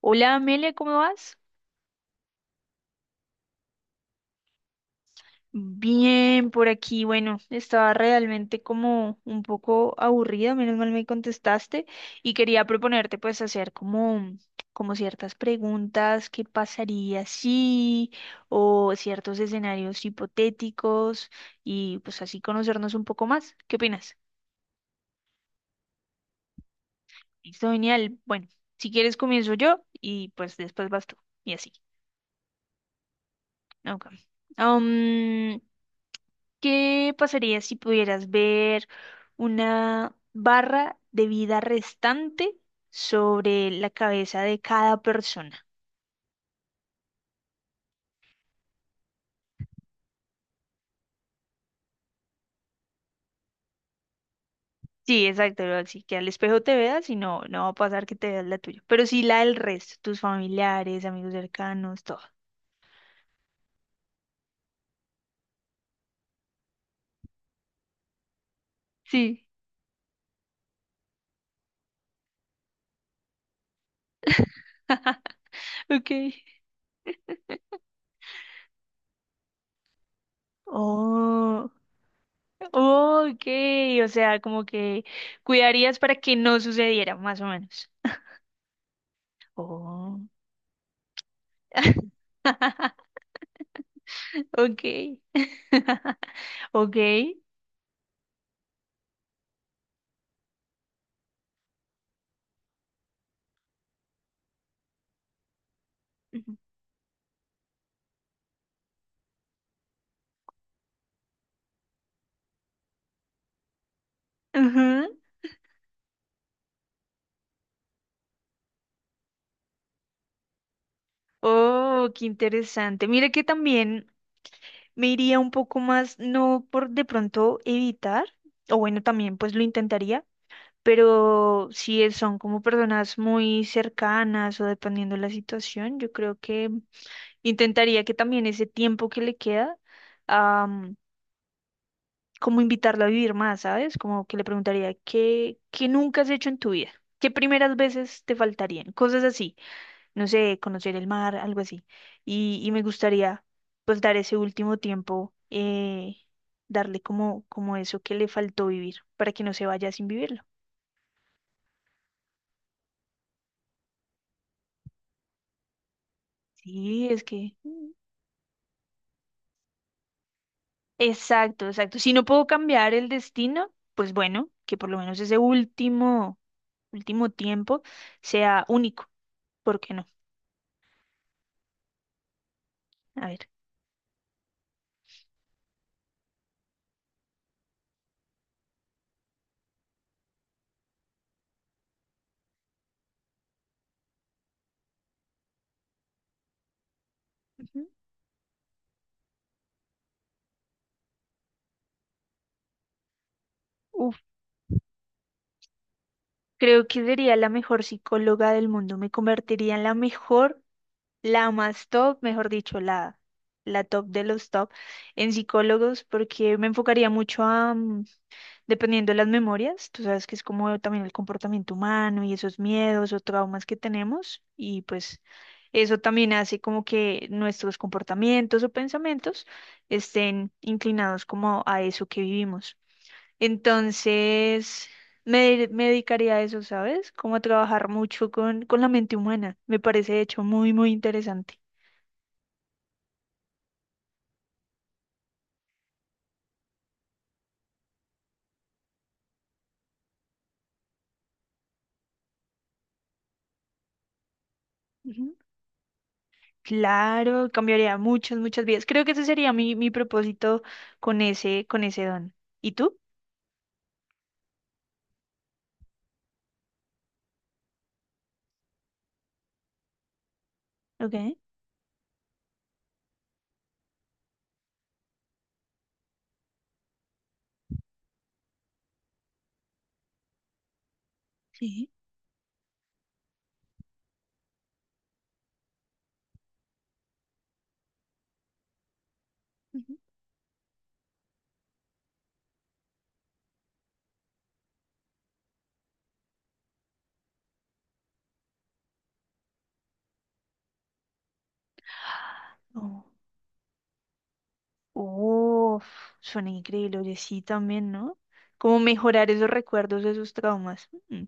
Hola Amelia, ¿cómo vas? Bien, por aquí, bueno, estaba realmente como un poco aburrida, menos mal me contestaste y quería proponerte pues hacer como, como ciertas preguntas, qué pasaría si, o ciertos escenarios hipotéticos y pues así conocernos un poco más. ¿Qué opinas? Listo, genial. Bueno, si quieres comienzo yo y pues después vas tú y así. Ok. ¿Qué pasaría si pudieras ver una barra de vida restante sobre la cabeza de cada persona? Sí, exacto, ¿no? Así que al espejo te veas y no, no va a pasar que te veas la tuya, pero sí la del resto, tus familiares, amigos cercanos, todo. Sí, ok. Oh, ok, o sea, como que cuidarías para que no sucediera, más o menos. Oh. Okay, ok. Ujú. Ujú. Oh, qué interesante. Mira que también me iría un poco más, no por de pronto evitar, o bueno, también pues lo intentaría, pero si son como personas muy cercanas o dependiendo de la situación, yo creo que intentaría que también ese tiempo que le queda, como invitarlo a vivir más, ¿sabes? Como que le preguntaría, ¿Qué nunca has hecho en tu vida? ¿Qué primeras veces te faltarían? Cosas así, no sé, conocer el mar, algo así. Y me gustaría, pues, dar ese último tiempo, darle como, como eso que le faltó vivir, para que no se vaya sin vivirlo. Sí, es que... Exacto, exacto. Si no puedo cambiar el destino, pues bueno, que por lo menos ese último, último tiempo sea único. ¿Por qué no? A ver. Ujú. Uf, creo que sería la mejor psicóloga del mundo. Me convertiría en la mejor, la más top, mejor dicho, la top de los top en psicólogos, porque me enfocaría mucho a, dependiendo de las memorias, tú sabes que es como también el comportamiento humano y esos miedos o traumas que tenemos, y pues eso también hace como que nuestros comportamientos o pensamientos estén inclinados como a eso que vivimos. Entonces, me dedicaría a eso, ¿sabes? Como a trabajar mucho con la mente humana. Me parece, de hecho, muy, muy interesante. Ujú. Claro, cambiaría muchas, muchas vidas. Creo que ese sería mi propósito con ese don. ¿Y tú? Ok, sí. Ujú. Oh, uf, suena increíble, oye, sí también, ¿no? Como mejorar esos recuerdos, de esos traumas. Mm.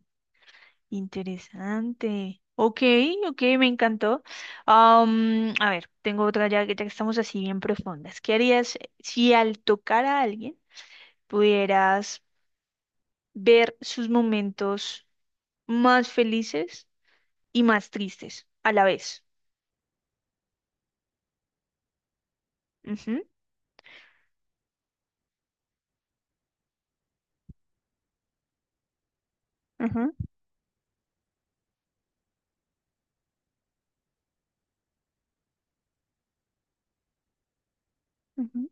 Interesante. Ok, ok, me encantó. A ver, tengo otra ya, ya que estamos así bien profundas. ¿Qué harías si al tocar a alguien pudieras ver sus momentos más felices y más tristes a la vez? Ujú, ujú, ujú.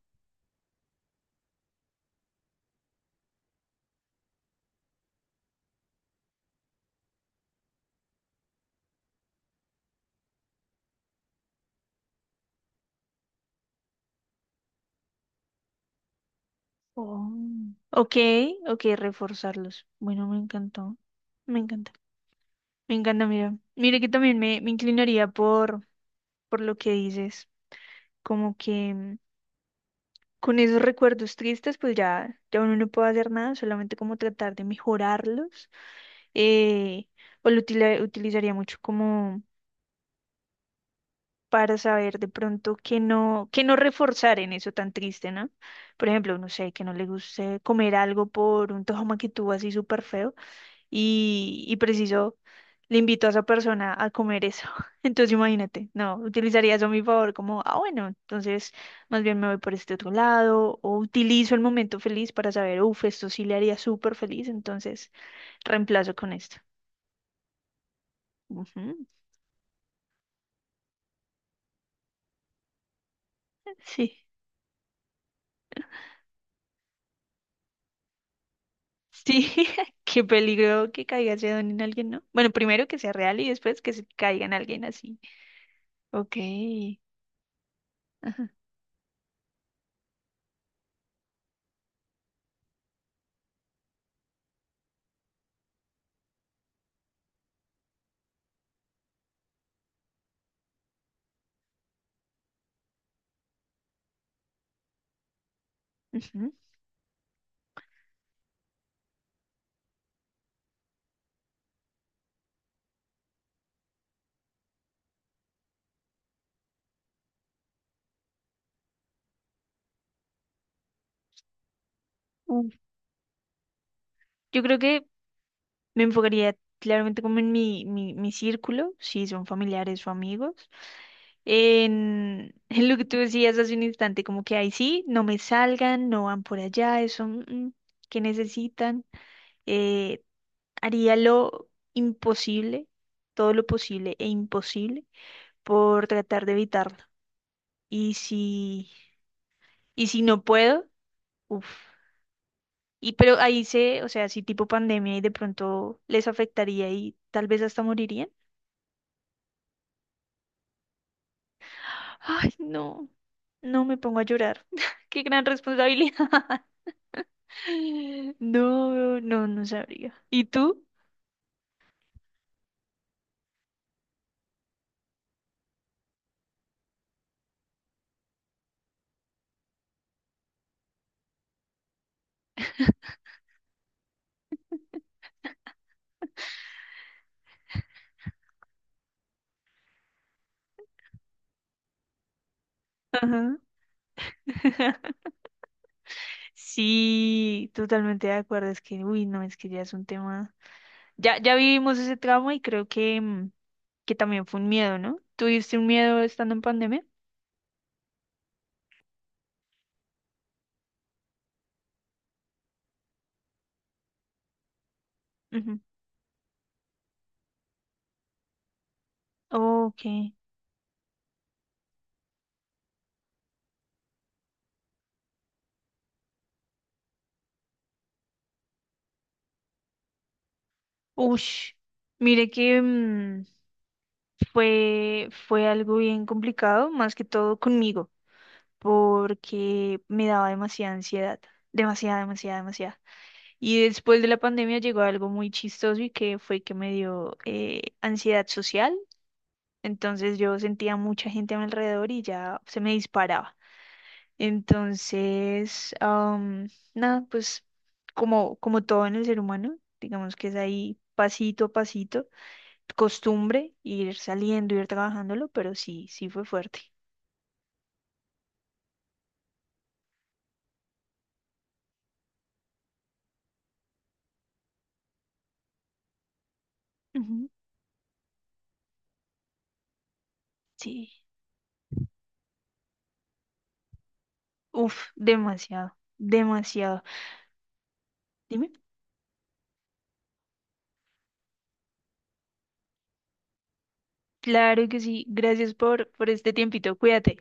Oh. Ok, ok, reforzarlos. Bueno, me encantó. Me encanta. Me encanta, mira. Mire que también me inclinaría por lo que dices. Como que... Con esos recuerdos tristes, pues ya, ya uno no puede hacer nada, solamente como tratar de mejorarlos. eh, o lo utilizaría mucho como para saber de pronto que no reforzar en eso tan triste, ¿no? Por ejemplo, no sé, que no le guste comer algo por un tojama que tuvo así súper feo y preciso le invito a esa persona a comer eso. Entonces imagínate, no, utilizaría eso a mi favor como, ah, bueno, entonces más bien me voy por este otro lado o utilizo el momento feliz para saber, uff, esto sí le haría súper feliz, entonces reemplazo con esto. Ujú, sí. Sí, qué peligro que caiga ese don en alguien, ¿no? Bueno, primero que sea real y después que se caiga en alguien así. Ok. Ajá. Ujú. Uf, yo creo que me enfocaría claramente como en mi círculo, si son familiares o amigos. En, en lo que tú decías hace un instante, como que ahí sí, no me salgan, no van por allá, eso que necesitan. Eh, haría lo imposible, todo lo posible e imposible por tratar de evitarlo. Y si, y si no puedo, uff. Y pero ahí se, o sea, si tipo pandemia y de pronto les afectaría y tal vez hasta morirían. Ay, no, no me pongo a llorar. Qué gran responsabilidad. No, no, no sabría. ¿Y tú? Ajá. Sí, totalmente de acuerdo. Es que, uy, no, es que ya es un tema. Ya, ya vivimos ese trauma y creo que, que también fue un miedo, ¿no? ¿Tuviste un miedo estando en pandemia? Ujú. Okay. Ush. Mire que fue, fue algo bien complicado, más que todo conmigo, porque me daba demasiada ansiedad, demasiada, demasiada, demasiada. Y después de la pandemia llegó algo muy chistoso y que fue que me dio ansiedad social. Entonces yo sentía mucha gente a mi alrededor y ya se me disparaba. Entonces, nada, pues como, como todo en el ser humano, digamos que es ahí pasito a pasito, costumbre, ir saliendo, ir trabajándolo, pero sí, sí fue fuerte. Ujú, sí. Uf, demasiado, demasiado. Dime. Claro que sí. Gracias por este tiempito. Cuídate.